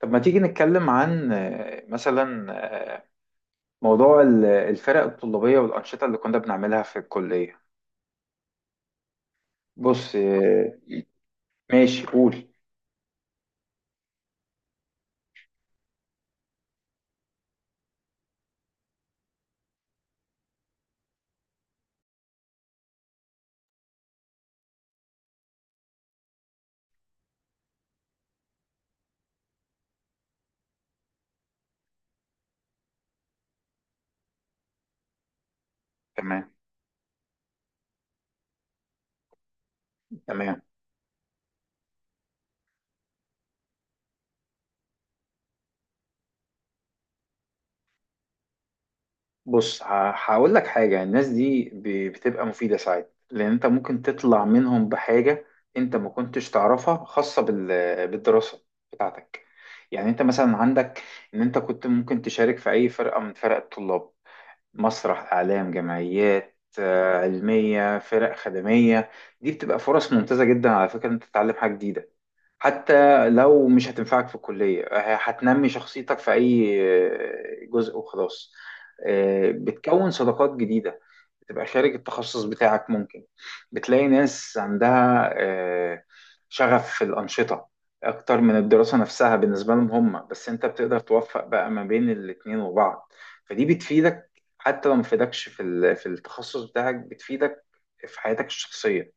طب ما تيجي نتكلم عن مثلا، آه، موضوع الفرق الطلابية والأنشطة اللي كنا بنعملها في الكلية. بص. ماشي، قول. تمام. تمام. بص، هقول لك حاجة. الناس دي بتبقى مفيدة ساعات، لأن أنت ممكن تطلع منهم بحاجة أنت ما كنتش تعرفها، خاصة بالدراسة بتاعتك. يعني أنت مثلا عندك إن أنت كنت ممكن تشارك في أي فرقة من فرق الطلاب، مسرح، اعلام، جمعيات علميه، فرق خدميه. دي بتبقى فرص ممتازه جدا على فكره، ان انت تتعلم حاجه جديده. حتى لو مش هتنفعك في الكلية، هتنمي شخصيتك في أي جزء وخلاص. بتكون صداقات جديدة، بتبقى شارك التخصص بتاعك ممكن، بتلاقي ناس عندها شغف في الأنشطة أكتر من الدراسة نفسها بالنسبة لهم هم، بس أنت بتقدر توفق بقى ما بين الاتنين وبعض. فدي بتفيدك، حتى لو ما فيدكش في التخصص بتاعك، بتفيدك في حياتك الشخصية.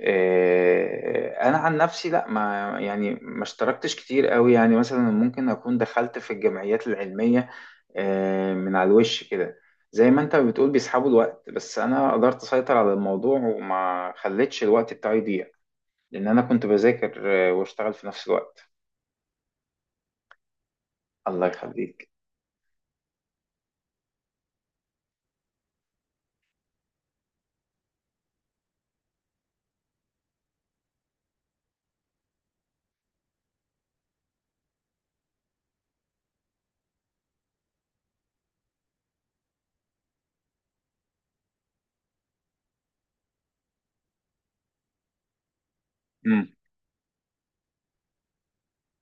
انا عن نفسي، لا، ما يعني ما اشتركتش كتير قوي. يعني مثلا ممكن اكون دخلت في الجمعيات العلميه من على الوش كده، زي ما انت بتقول بيسحبوا الوقت، بس انا قدرت اسيطر على الموضوع وما خليتش الوقت بتاعي يضيع، لان انا كنت بذاكر واشتغل في نفس الوقت. الله يخليك. امم.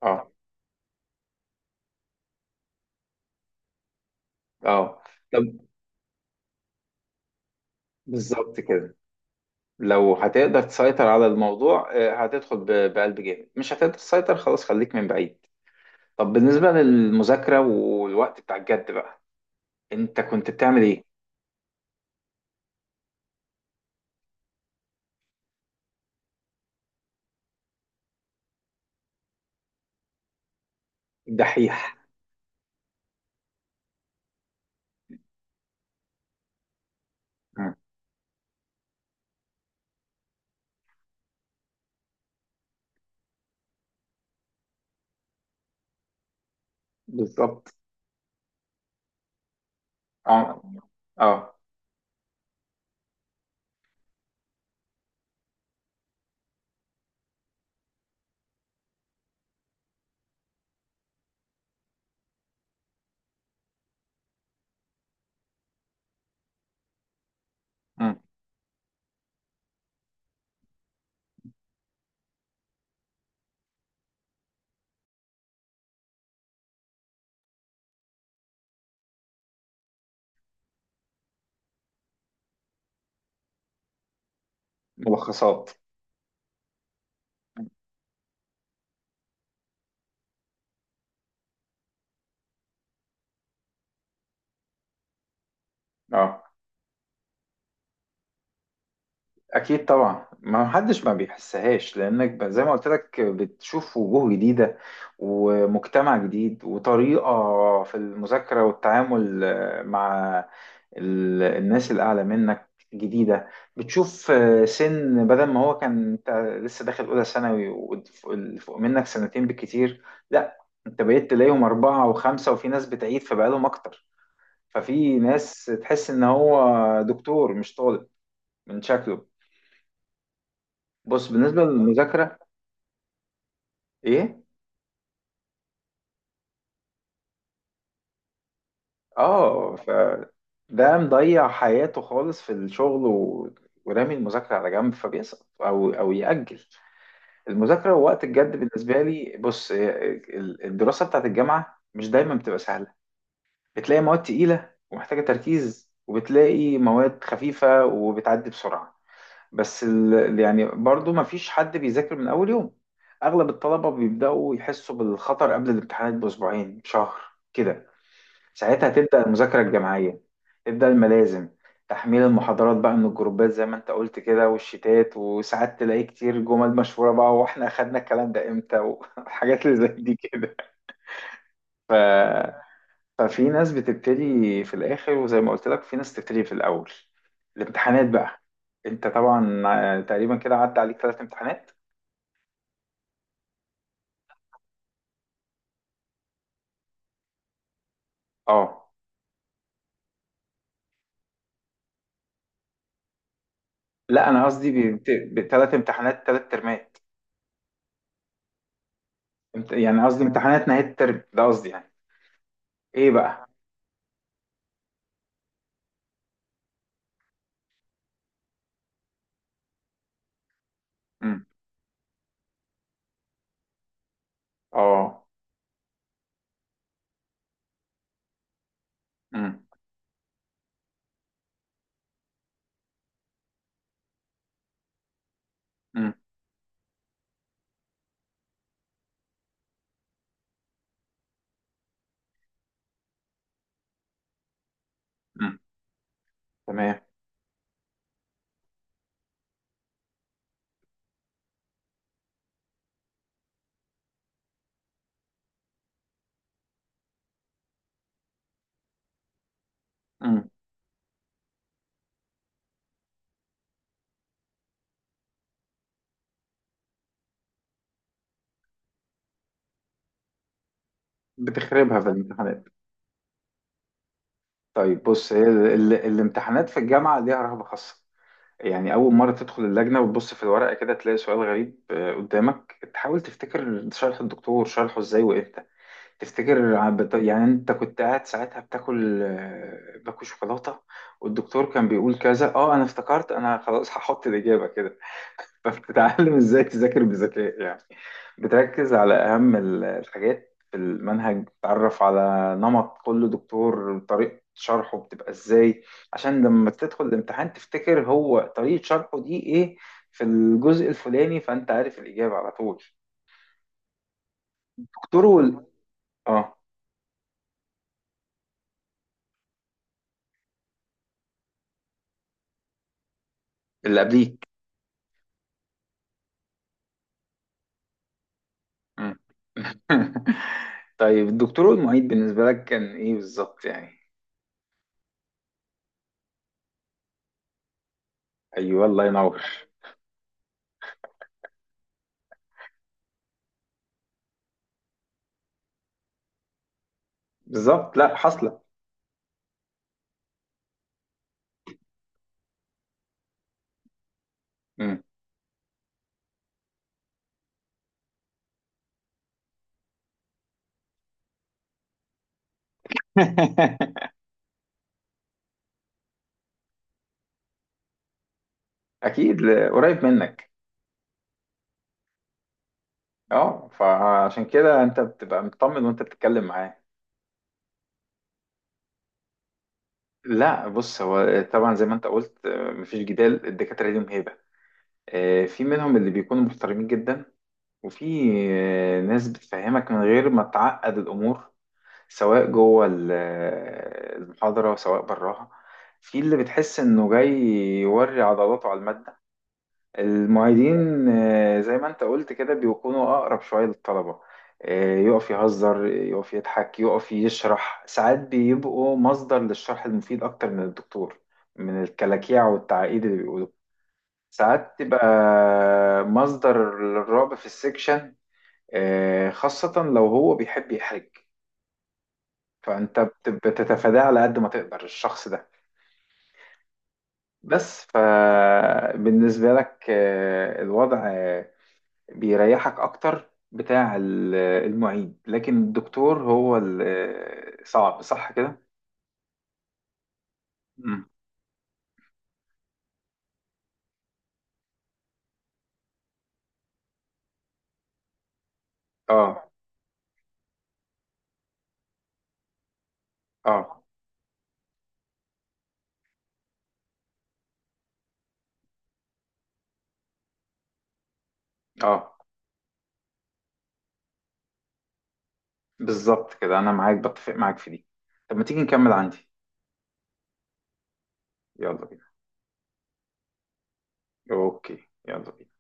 اه. اه. طب. بالظبط كده. لو هتقدر تسيطر على الموضوع هتدخل بقلب جامد. مش هتقدر تسيطر، خلاص خليك من بعيد. طب بالنسبة للمذاكرة والوقت بتاع الجد بقى، انت كنت بتعمل ايه؟ الدحيح. مم. بالظبط. اه. اه. مم. ملخصات. اه. اكيد طبعا، ما حدش ما بيحسهاش، لانك زي ما قلت لك بتشوف وجوه جديده، ومجتمع جديد، وطريقه في المذاكره والتعامل مع الناس الاعلى منك جديده. بتشوف سن، بدل ما هو كان انت لسه داخل اولى ثانوي واللي فوق منك سنتين بالكتير، لا، انت بقيت تلاقيهم اربعه وخمسه، وفي ناس بتعيد فبقالهم اكتر، ففي ناس تحس ان هو دكتور مش طالب من شكله. بص بالنسبة للمذاكرة. ايه. اه، فده مضيع حياته خالص في الشغل ورامي المذاكرة على جنب، فبيسقط او يأجل المذاكرة وقت الجد. بالنسبة لي، بص، إيه، الدراسة بتاعت الجامعة مش دايما بتبقى سهلة. بتلاقي مواد تقيلة ومحتاجة تركيز، وبتلاقي مواد خفيفة وبتعدي بسرعة. بس يعني برضو مفيش حد بيذاكر من أول يوم. أغلب الطلبة بيبدأوا يحسوا بالخطر قبل الامتحانات بأسبوعين، بشهر كده. ساعتها تبدأ المذاكرة الجماعية، تبدأ الملازم، تحميل المحاضرات بقى من الجروبات زي ما انت قلت كده، والشتات. وساعات تلاقي كتير جمل مشهورة بقى، واحنا اخدنا الكلام ده امتى، وحاجات اللي زي دي كده. ف... ففي ناس بتبتدي في الآخر، وزي ما قلت لك في ناس بتبتدي في الأول. الامتحانات بقى. انت طبعا تقريبا كده عدى عليك ثلاث امتحانات. اه. لا، انا قصدي بثلاث امتحانات، ثلاث ترمات. يعني قصدي امتحانات نهاية الترم ده، قصدي يعني. ايه بقى؟ إمم. اه. امم. امم. امم. تمام. امم. بتخربها في الامتحانات. طيب بص، هي الامتحانات في الجامعة ليها رهبة خاصة. يعني أول مرة تدخل اللجنة وتبص في الورقة كده، تلاقي سؤال غريب قدامك. تحاول تفتكر شرح الدكتور شرحه ازاي وامتى، تفتكر، يعني انت كنت قاعد ساعتها بتاكل آه، باكل شوكولاتة والدكتور كان بيقول كذا، اه انا افتكرت انا خلاص هحط الإجابة كده. فبتتعلم ازاي تذاكر بذكاء يعني. بتركز على اهم الحاجات في المنهج، بتعرف على نمط كل دكتور، طريقة شرحه بتبقى ازاي عشان لما تدخل الامتحان تفتكر هو طريقة شرحه دي ايه في الجزء الفلاني، فانت عارف الإجابة على طول. دكتور. اه. اللي قبليك. مم. طيب، الدكتور والمعيد بالنسبة لك كان ايه بالظبط يعني؟ ايوه، الله ينور. بالظبط. لا حصلة. مم. اكيد، قريب منك. اه، فعشان كده انت بتبقى مطمن وانت بتتكلم معاه. لا بص، هو طبعا زي ما انت قلت، مفيش جدال، الدكاترة ليهم هيبة. في منهم اللي بيكونوا محترمين جدا، وفي ناس بتفهمك من غير ما تعقد الامور، سواء جوه المحاضرة وسواء براها. في اللي بتحس انه جاي يوري عضلاته على المادة. المعيدين زي ما انت قلت كده، بيكونوا اقرب شويه للطلبه. يقف يهزر، يقف يضحك، يقف يشرح. ساعات بيبقوا مصدر للشرح المفيد اكتر من الدكتور، من الكلاكيع والتعقيد اللي بيقولوا. ساعات تبقى مصدر للرعب في السكشن، خاصه لو هو بيحب يحرج، فانت بتتفاداه على قد ما تقدر الشخص ده. بس فبالنسبه لك الوضع بيريحك اكتر بتاع المعيد، لكن الدكتور هو صعب، صح كده؟ مم. اه. اه. اه. بالظبط كده، انا معاك، بتفق معاك في دي. طب ما تيجي نكمل عندي. يلا بينا. اوكي، يلا بينا.